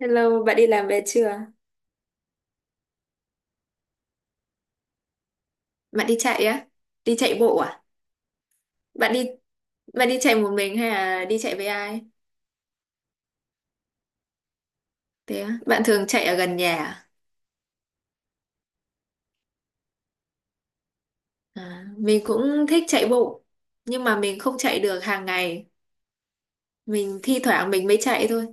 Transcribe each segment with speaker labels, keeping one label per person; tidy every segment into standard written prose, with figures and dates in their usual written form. Speaker 1: Hello, bạn đi làm về chưa? Bạn đi chạy á? Đi chạy bộ à? Bạn đi bạn đi chạy một mình hay là đi chạy với ai? Thế á? Bạn thường chạy ở gần nhà à? À, mình cũng thích chạy bộ, nhưng mà mình không chạy được hàng ngày. Mình thi thoảng mới chạy thôi.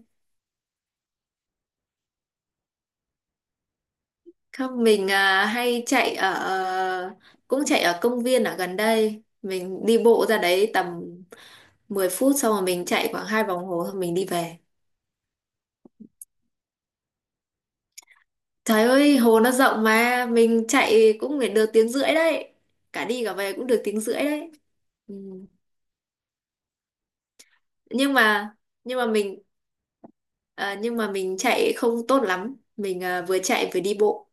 Speaker 1: Không, mình hay chạy ở cũng chạy ở công viên ở gần đây. Mình đi bộ ra đấy tầm 10 phút xong rồi mình chạy khoảng hai vòng hồ xong mình đi về. Trời ơi, hồ nó rộng mà, mình chạy cũng phải được tiếng rưỡi đấy. Cả đi cả về cũng được tiếng rưỡi đấy. Ừ. Nhưng mà nhưng mà mình nhưng mà mình chạy không tốt lắm. Mình vừa chạy vừa đi bộ.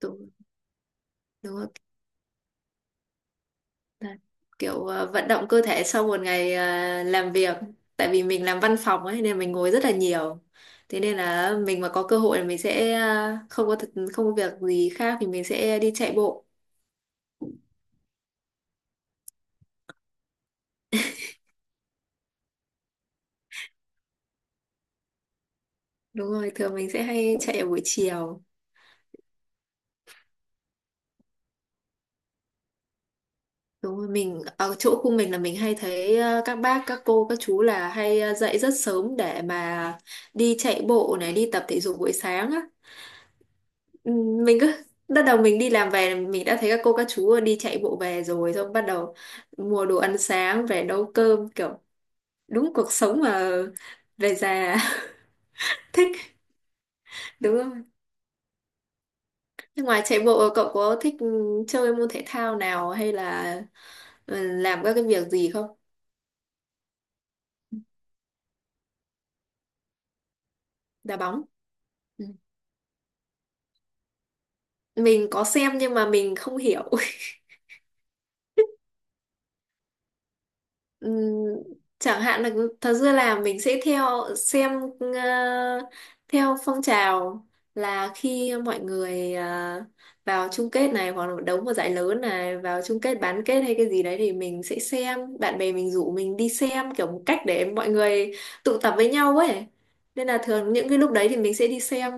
Speaker 1: Đúng, đúng rồi. Là Kiểu vận động cơ thể sau một ngày làm việc. Tại vì mình làm văn phòng ấy nên mình ngồi rất là nhiều. Thế nên là mình mà có cơ hội là mình sẽ không có thật, không có việc gì khác thì mình sẽ đi chạy bộ. Đúng rồi, thường mình sẽ hay chạy ở buổi chiều. Đúng rồi, mình ở chỗ khu mình là mình hay thấy các bác, các cô, các chú là hay dậy rất sớm để mà đi chạy bộ này, đi tập thể dục buổi sáng á. Ừ, mình cứ bắt đầu mình đi làm về mình đã thấy các cô các chú đi chạy bộ về rồi xong bắt đầu mua đồ ăn sáng về nấu cơm kiểu đúng cuộc sống mà về già thích đúng không? Nhưng ngoài chạy bộ cậu có thích chơi môn thể thao nào hay là làm các cái việc gì không? Đá bóng. Mình có xem nhưng mà mình không hiểu. Ừm, chẳng hạn là thật ra là mình sẽ theo xem ờ, theo phong trào là khi mọi người vào chung kết này hoặc là đấu một giải lớn này vào chung kết bán kết hay cái gì đấy thì mình sẽ xem, bạn bè mình rủ mình đi xem kiểu một cách để mọi người tụ tập với nhau ấy, nên là thường những cái lúc đấy thì mình sẽ đi xem.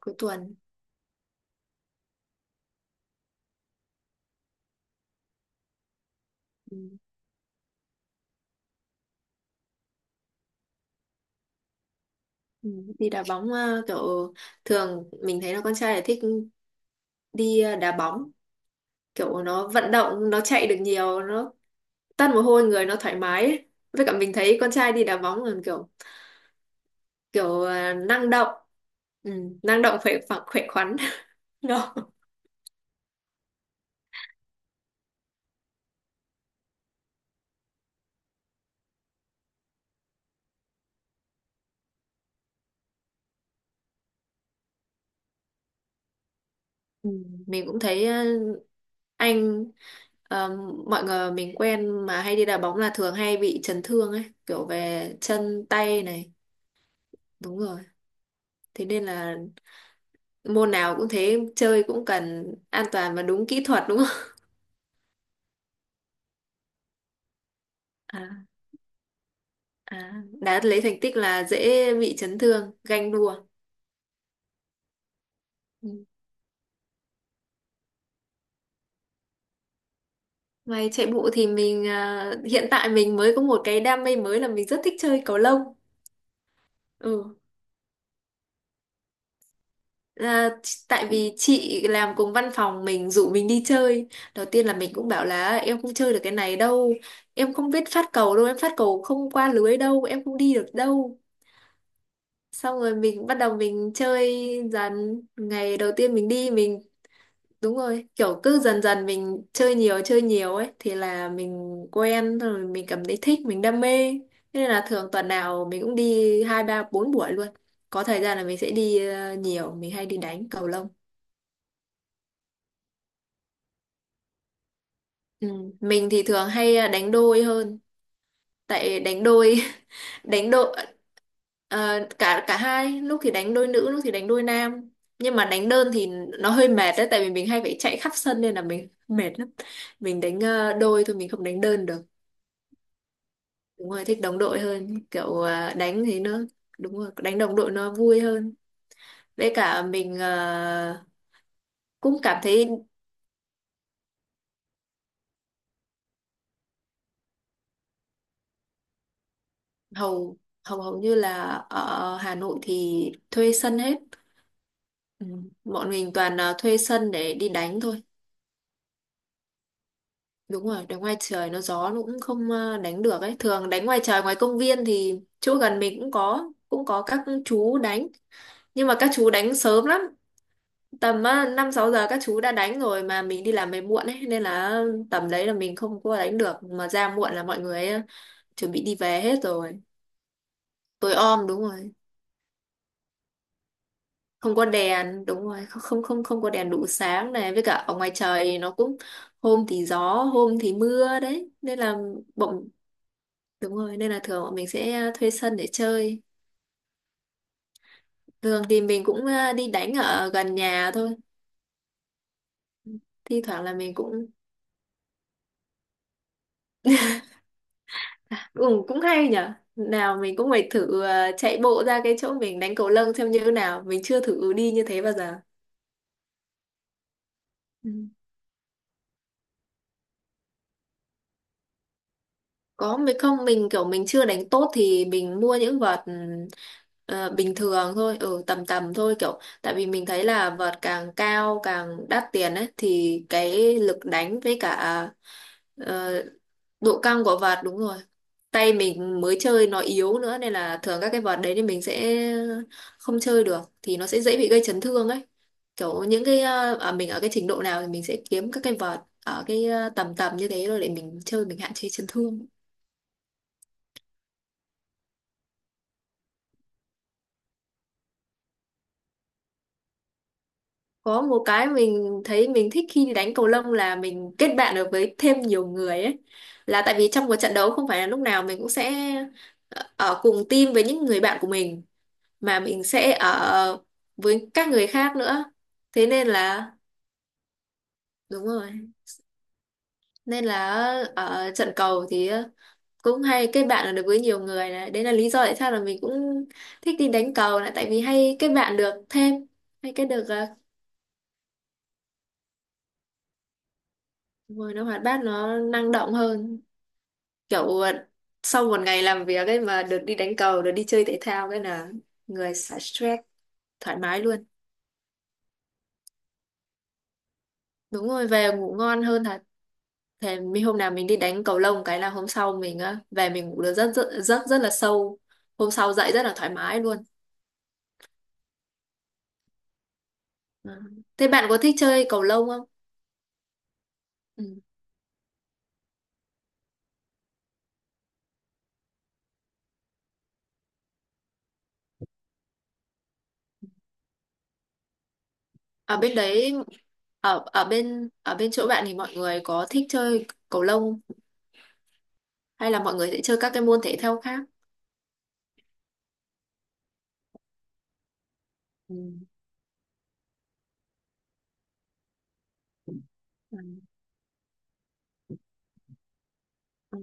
Speaker 1: Cuối tuần. Ừm, đi đá bóng kiểu thường mình thấy là con trai là thích đi đá bóng, kiểu nó vận động nó chạy được nhiều, nó tăn mồ hôi người nó thoải mái ấy. Với cả mình thấy con trai đi đá bóng là kiểu kiểu năng động. ừ, Năng động khỏe phẳng khỏe khoắn. Đó. Ừ, mình cũng thấy anh ờ, mọi người mình quen mà hay đi đá bóng là thường hay bị chấn thương ấy, kiểu về chân tay này. Đúng rồi, thế nên là môn nào cũng thế, chơi cũng cần an toàn và đúng kỹ thuật đúng không. À. À, đã lấy thành tích là dễ bị chấn thương, ganh đua. Ừ. Ngoài chạy bộ thì mình hiện tại mình mới có một cái đam mê mới là mình rất thích chơi cầu lông. Ừ. À, tại vì chị làm cùng văn phòng mình rủ mình đi chơi. Đầu tiên là mình cũng bảo là em không chơi được cái này đâu, em không biết phát cầu đâu, em phát cầu không qua lưới đâu, em không đi được đâu. Xong rồi mình bắt đầu mình chơi dần. Ngày đầu tiên mình đi mình đúng rồi, kiểu cứ dần dần mình chơi nhiều ấy thì là mình quen rồi, mình cảm thấy thích, mình đam mê. Thế nên là thường tuần nào mình cũng đi hai ba bốn buổi luôn. Có thời gian là mình sẽ đi nhiều, mình hay đi đánh cầu lông. Ừ. Mình thì thường hay đánh đôi hơn, tại đánh đôi đánh đôi cả cả hai, lúc thì đánh đôi nữ, lúc thì đánh đôi nam. Nhưng mà đánh đơn thì nó hơi mệt đấy, tại vì mình hay phải chạy khắp sân nên là mình mệt lắm. Mình đánh đôi thôi, mình không đánh đơn được. Đúng rồi, thích đồng đội hơn, kiểu đánh thì nó đúng rồi, đánh đồng đội nó vui hơn. Với cả mình cũng cảm thấy hầu hầu hầu như là ở Hà Nội thì thuê sân hết. Ừ, bọn mình toàn là thuê sân để đi đánh thôi. Đúng rồi, đánh ngoài trời nó gió, nó cũng không đánh được ấy. Thường đánh ngoài trời ngoài công viên thì chỗ gần mình cũng có, cũng có các chú đánh, nhưng mà các chú đánh sớm lắm, tầm á, 5-6 giờ các chú đã đánh rồi mà mình đi làm về muộn ấy, nên là tầm đấy là mình không có đánh được, mà ra muộn là mọi người ấy, chuẩn bị đi về hết rồi. Tối om đúng rồi, không có đèn đúng rồi, không không không không có đèn đủ sáng này, với cả ở ngoài trời thì nó cũng hôm thì gió hôm thì mưa đấy nên là bọn đúng rồi, nên là thường bọn mình sẽ thuê sân để chơi. Thường thì mình cũng đi đánh ở gần nhà thôi, thi thoảng là mình cũng ừ, cũng hay nhở. Nào mình cũng phải thử chạy bộ ra cái chỗ mình đánh cầu lông xem như thế nào. Mình chưa thử đi như thế bao giờ. Ừ. Mình không, mình kiểu mình chưa đánh tốt thì mình mua những vợt bình thường thôi, ừ, tầm tầm thôi, kiểu tại vì mình thấy là vợt càng cao càng đắt tiền ấy thì cái lực đánh với cả ờ, độ căng của vợt đúng rồi, tay mình mới chơi nó yếu nữa nên là thường các cái vợt đấy thì mình sẽ không chơi được, thì nó sẽ dễ bị gây chấn thương ấy, kiểu những cái ở mình ở cái trình độ nào thì mình sẽ kiếm các cái vợt ở cái tầm tầm như thế rồi để mình chơi, mình hạn chế chấn thương. Có một cái mình thấy mình thích khi đi đánh cầu lông là mình kết bạn được với thêm nhiều người ấy, là tại vì trong một trận đấu không phải là lúc nào mình cũng sẽ ở cùng team với những người bạn của mình mà mình sẽ ở với các người khác nữa, thế nên là đúng rồi, nên là ở trận cầu thì cũng hay kết bạn được với nhiều người này, đấy là lý do tại sao là mình cũng thích đi đánh cầu này, tại vì hay kết bạn được thêm, hay kết được người nó hoạt bát nó năng động hơn, kiểu sau một ngày làm việc ấy mà được đi đánh cầu, được đi chơi thể thao cái là người xả stress thoải mái luôn. Đúng rồi về ngủ ngon hơn thật. Thế mình hôm nào mình đi đánh cầu lông cái là hôm sau mình á về mình ngủ được rất rất rất rất là sâu. Hôm sau dậy rất là thoải mái luôn. Ừ. Thế bạn có thích chơi cầu lông không? Ừ. Ở bên đấy, ở ở bên chỗ bạn thì mọi người có thích chơi cầu lông hay là mọi người sẽ chơi các cái môn thể thao khác? Ừ. Ừ. Ừ.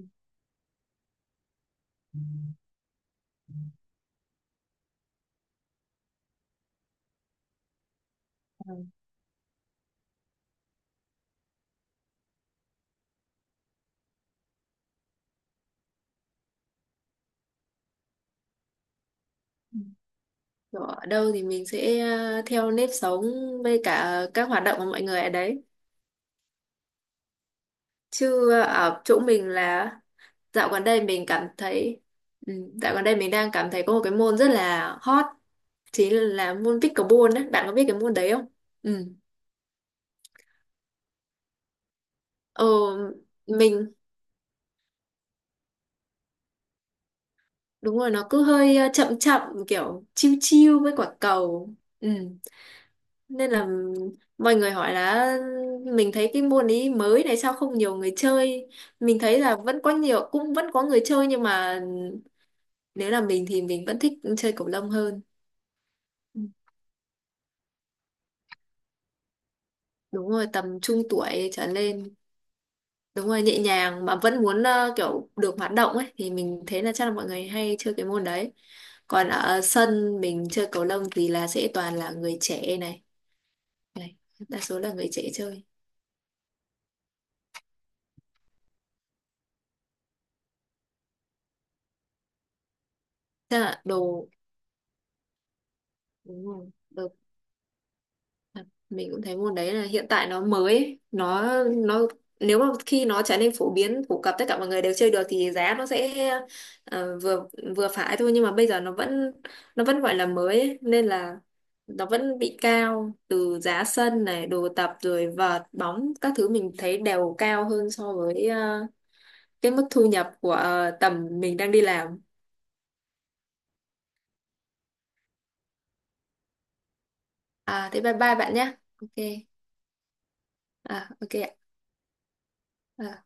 Speaker 1: Ừ. Kiểu ở đâu thì mình sẽ theo nếp sống với cả các hoạt động của mọi người ở đấy. Chứ ở chỗ mình là dạo gần đây mình cảm thấy ừ, dạo gần đây mình đang cảm thấy có một cái môn rất là hot, chính là môn pickleball đấy, bạn có biết cái môn đấy không? Ừ. ờ mình đúng rồi, nó cứ hơi chậm chậm, kiểu chiêu chiêu với quả cầu. Ừ. Nên là mọi người hỏi là mình thấy cái môn ấy mới này sao không nhiều người chơi, mình thấy là vẫn có nhiều, cũng vẫn có người chơi nhưng mà nếu là mình thì mình vẫn thích chơi cầu lông hơn. Ừ, đúng rồi tầm trung tuổi trở lên. Đúng rồi, nhẹ nhàng mà vẫn muốn kiểu được hoạt động ấy, thì mình thấy là chắc là mọi người hay chơi cái môn đấy. Còn ở sân mình chơi cầu lông thì là sẽ toàn là người trẻ này. Này, đa số là người trẻ chơi. Chắc là đồ đúng rồi, mình cũng thấy môn đấy là hiện tại nó mới ấy. Nó nếu mà khi nó trở nên phổ biến phổ cập tất cả mọi người đều chơi được thì giá nó sẽ vừa vừa phải thôi, nhưng mà bây giờ nó vẫn gọi là mới ấy, nên là nó vẫn bị cao từ giá sân này, đồ tập rồi vợt bóng các thứ mình thấy đều cao hơn so với cái mức thu nhập của tầm mình đang đi làm. À thế bye bye bạn nhé, ok. À ok ạ. À.